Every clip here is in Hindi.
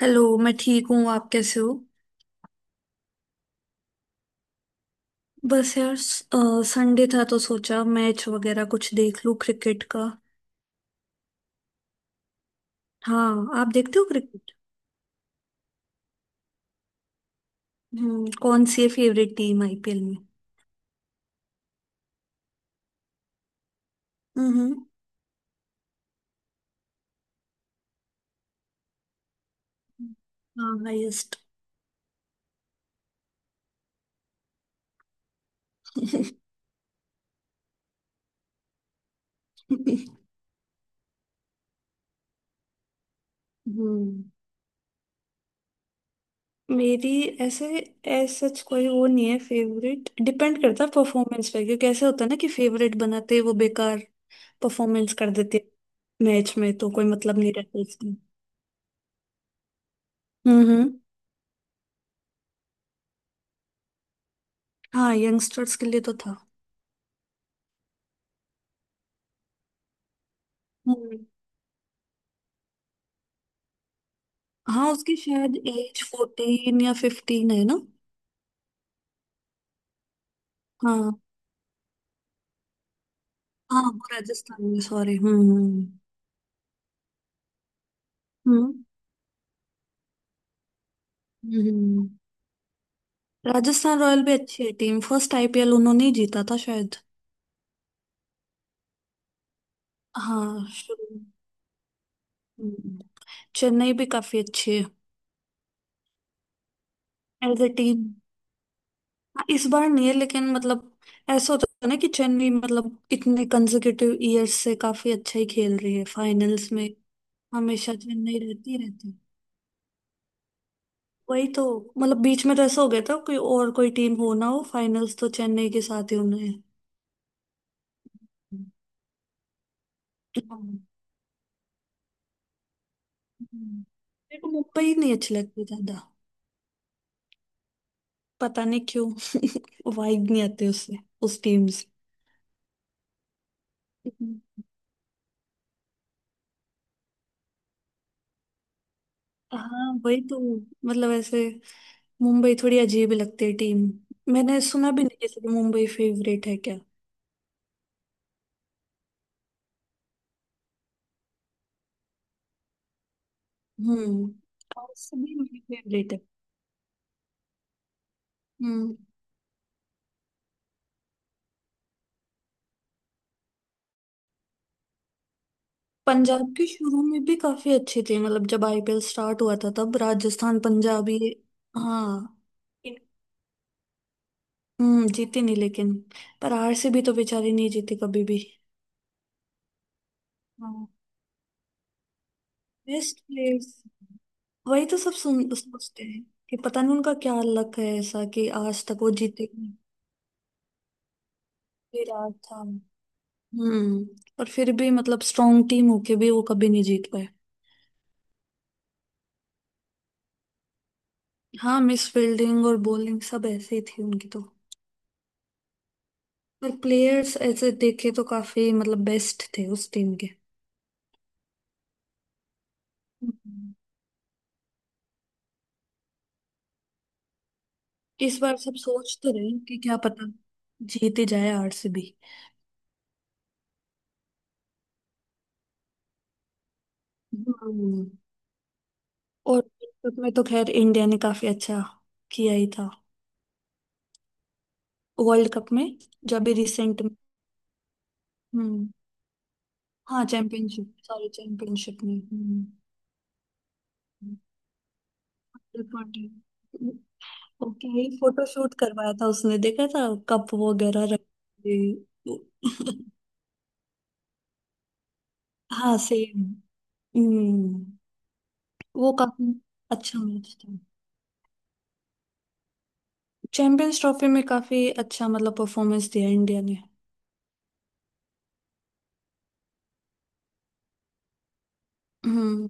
हेलो, मैं ठीक हूँ। आप कैसे हो? बस यार, संडे था तो सोचा मैच वगैरह कुछ देख लूँ क्रिकेट का। हाँ, आप देखते हो क्रिकेट? कौन सी है फेवरेट टीम आईपीएल में? हम्म। हाँ, हाईएस्ट। हम्म। मेरी, ऐसे, ऐसा सच कोई वो नहीं है फेवरेट। डिपेंड करता है परफॉर्मेंस पे, क्योंकि ऐसे होता है ना कि फेवरेट बनाते ही वो बेकार परफॉर्मेंस कर देते। मैच में तो कोई मतलब नहीं रहता इसका। हम्म। हम्म। हाँ, यंगस्टर्स के लिए तो था। हम्म। हाँ, उसकी शायद एज 14 या 15 है ना। हाँ। हाँ, वो राजस्थान में, सॉरी। हम्म। हम्म। हम्म। हम्म। राजस्थान रॉयल भी अच्छी है टीम। फर्स्ट आईपीएल उन्होंने ही जीता था शायद। हाँ, शुरू। हम्म। चेन्नई भी काफी अच्छी है। As a team. इस बार नहीं है, लेकिन मतलब, ऐसा होता है ना कि चेन्नई मतलब इतने कंसेक्यूटिव ईयर्स से काफी अच्छा ही खेल रही है फाइनल्स में। हमेशा चेन्नई रहती रहती। वही तो। मतलब बीच में तो ऐसा हो गया था कोई और कोई टीम हो ना हो, फाइनल्स तो चेन्नई के साथ ही होना है। हम्म। मेरे को मुंबई नहीं अच्छी लगती ज्यादा। पता नहीं क्यों। वाइब नहीं आती उससे, उस टीम से। हम्म। हाँ, वही तो। मतलब ऐसे, मुंबई थोड़ी अजीब ही लगती है टीम। मैंने सुना भी नहीं जैसे कि मुंबई फेवरेट है क्या। हम्म। और सभी मेरी फेवरेट है। हम्म। पंजाब के शुरू में भी काफी अच्छी थी, मतलब जब आईपीएल स्टार्ट हुआ था तब राजस्थान, पंजाब, ये। हाँ। जीती नहीं लेकिन, पर आरसीबी तो बेचारी नहीं जीती कभी भी। हाँ, बेस्ट प्लेयर्स। वही तो सब सुन सोचते हैं कि पता नहीं उनका क्या लक है, ऐसा कि आज तक वो जीते ही नहीं। फिर आज था। हम्म। और फिर भी मतलब स्ट्रॉन्ग टीम होके भी वो कभी नहीं जीत पाए। हाँ, मिस फील्डिंग और बॉलिंग सब ऐसे ही थी उनकी तो। और प्लेयर्स ऐसे देखे तो काफी मतलब बेस्ट थे उस टीम के। हम्म। इस बार सब सोच तो रहे हैं कि क्या पता, जीत ही जाए आरसीबी। हम्म। और वर्ल्ड कप में तो खैर इंडिया ने काफी अच्छा किया ही था। वर्ल्ड कप में, जब भी रिसेंट में। हम्म। हाँ, चैंपियनशिप, सॉरी, चैंपियनशिप में। हम्म। ओके ही फोटो शूट करवाया था उसने, देखा था कप वगैरह रख के। हाँ, सेम। हम्म। वो काफी अच्छा मैच था। चैंपियंस ट्रॉफी में काफी अच्छा मतलब परफॉर्मेंस दिया इंडिया ने। हम्म।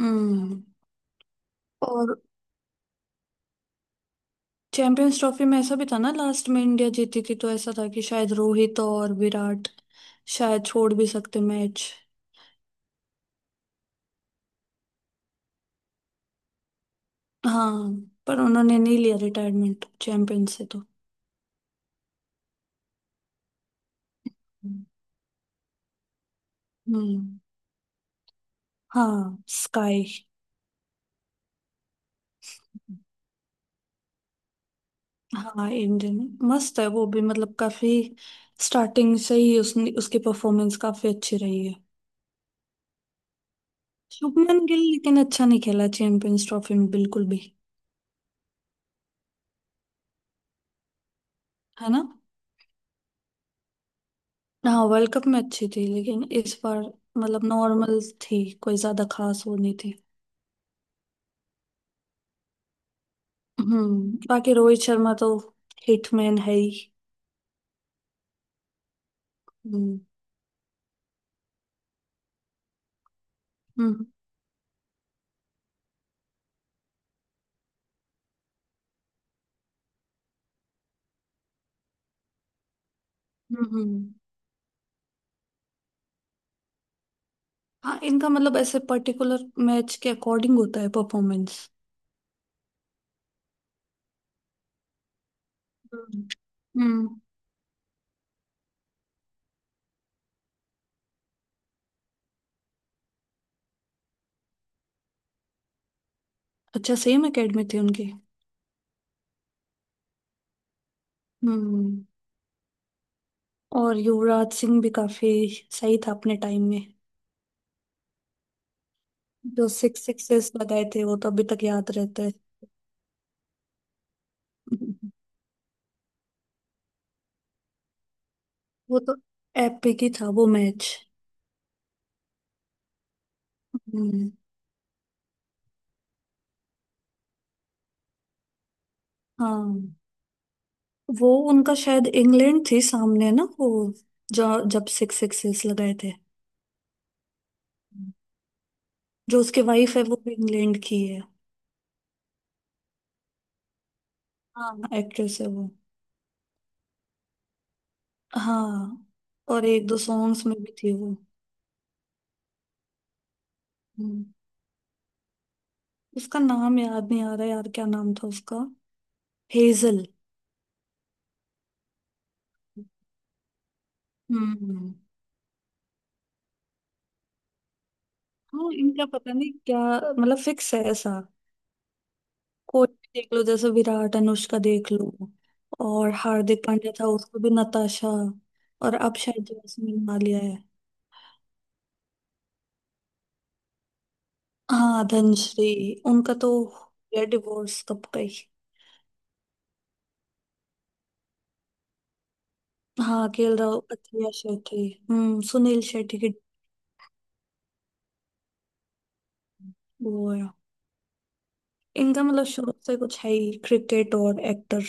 हम्म। और चैंपियंस ट्रॉफी में ऐसा भी था ना, लास्ट में इंडिया जीती थी तो ऐसा था कि शायद रोहित और विराट शायद छोड़ भी सकते मैच। हाँ, पर उन्होंने नहीं लिया रिटायरमेंट चैंपियन से तो। हम्म। हाँ, स्काई। हाँ, इंडियन मस्त है वो भी, मतलब काफी स्टार्टिंग से ही उसने, उसकी परफॉर्मेंस काफी अच्छी रही है। शुभमन गिल लेकिन अच्छा नहीं खेला चैंपियंस ट्रॉफी में बिल्कुल भी। है ना। हाँ, वर्ल्ड कप में अच्छी थी, लेकिन इस बार मतलब नॉर्मल थी, कोई ज्यादा खास वो नहीं थी। बाकी रोहित शर्मा तो हिटमैन है ही। हम्म। हम्म। हम्म। हम्म। हाँ, इनका मतलब ऐसे पर्टिकुलर मैच के अकॉर्डिंग होता है परफॉर्मेंस। हम्म। हम्म। अच्छा, सेम एकेडमी थी उनकी। हम्म और युवराज सिंह भी काफी सही था अपने टाइम में। जो सिक्स सिक्सेस लगाए थे वो तो अभी तक याद रहते हैं। वो तो एपिक ही था वो मैच। हम्म। हाँ, वो उनका शायद इंग्लैंड थी सामने ना वो, जो जब सिक्स सिक्सेस लगाए थे। जो उसके वाइफ है वो भी इंग्लैंड की है। हाँ, एक्ट्रेस है वो। हाँ, और एक दो सॉन्ग्स में भी थी वो। हम्म, उसका नाम याद नहीं आ रहा यार, क्या नाम था उसका? हेजल। हम्म। हाँ, इनका पता नहीं क्या, मतलब फिक्स है ऐसा। कोई भी देख लो, जैसे विराट अनुष्का देख लो। और हार्दिक पांड्या था, उसको भी नताशा। और अब शायद जैस्मिन मालिया है। हाँ, धनश्री। उनका तो, या डिवोर्स कब गई। हाँ, खेल राहुल, अथलिया शेट्टी, सुनील शेट्टी की। वो है। इनका मतलब शुरू से कुछ है ही क्रिकेट और एक्टर।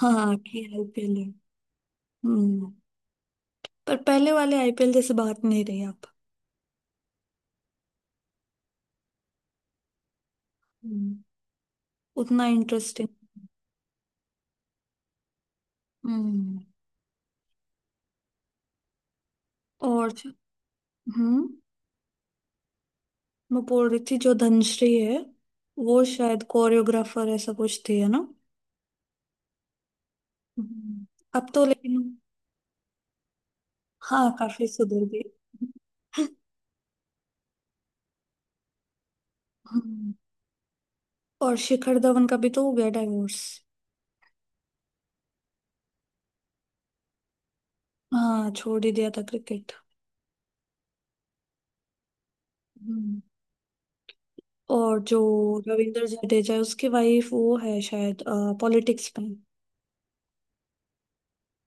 हाँ, कि आईपीएल है। हम्म। पर पहले वाले आईपीएल जैसे बात नहीं रही अब। हम्म, उतना इंटरेस्टिंग। हम्म। और जो— हम्म। मैं बोल रही थी, जो धनश्री है वो शायद कोरियोग्राफर ऐसा कुछ थी, है ना। हम्म। अब तो लेकिन, हाँ, काफी सुधर गई। हम्म। और शिखर धवन का भी तो हो गया डाइवोर्स। हाँ, छोड़ ही दिया था क्रिकेट। हम्म। और जो रविंद्र जडेजा है उसकी वाइफ वो है शायद, पॉलिटिक्स में।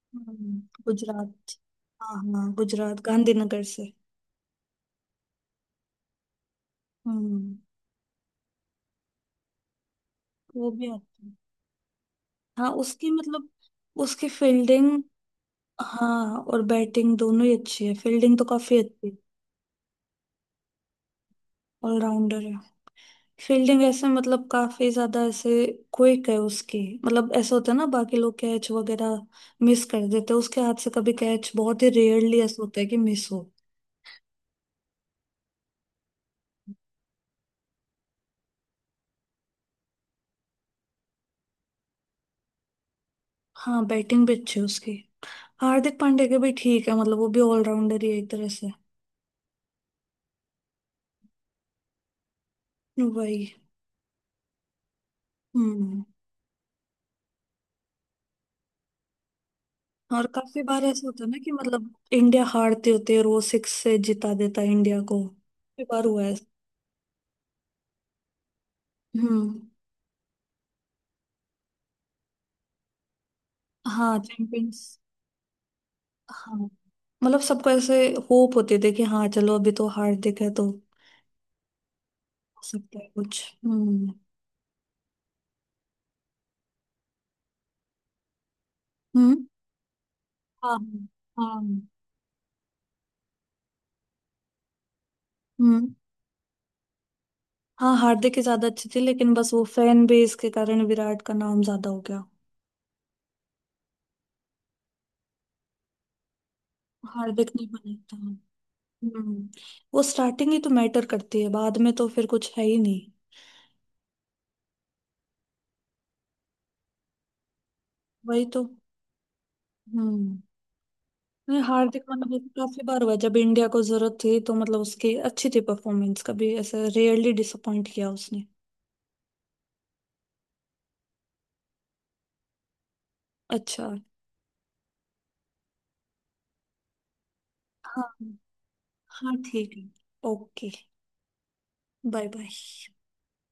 हम्म। गुजरात, हाँ, हाँ, गुजरात गांधीनगर से। हम्म। वो भी आती है। हाँ, उसकी मतलब उसकी फील्डिंग, हाँ, और बैटिंग दोनों ही अच्छी है। फील्डिंग तो काफी अच्छी है। ऑलराउंडर है। फील्डिंग ऐसे मतलब काफी ज्यादा ऐसे क्विक है उसकी। मतलब ऐसा होता है ना, बाकी लोग कैच वगैरह मिस कर देते हैं, उसके हाथ से कभी कैच बहुत ही रेयरली ऐसा होता है कि मिस हो। हाँ, बैटिंग भी अच्छी है उसकी। हार्दिक पांड्या के भी ठीक है, मतलब वो भी ऑलराउंडर ही है एक तरह से। वही। हम्म। और काफी बार ऐसा होता है ना कि मतलब इंडिया हारते होते हैं, रोज सिक्स से जिता देता है इंडिया को, काफी बार हुआ है। हम्म। हाँ, चैंपियंस। हाँ, मतलब सबको ऐसे होप होते थे कि हाँ चलो, अभी तो हार दिख है तो हो सकता है कुछ। हम्म। हम्म। हाँ, हाँ। हम्म। हाँ, हार्दिक ही ज्यादा अच्छी थी, लेकिन बस वो फैन बेस के कारण विराट का नाम ज्यादा हो गया। हार्दिक नहीं बना था। हम्म वो स्टार्टिंग ही तो मैटर करती है, बाद में तो फिर कुछ है ही नहीं। वही तो। हम्म। नहीं, हार्दिक मतलब काफी बार हुआ है, जब इंडिया को जरूरत थी तो मतलब उसकी अच्छी थी परफॉर्मेंस। कभी ऐसे रेयरली डिसअपॉइंट किया उसने। अच्छा। हाँ। हाँ, ठीक है। ओके। Bye, bye.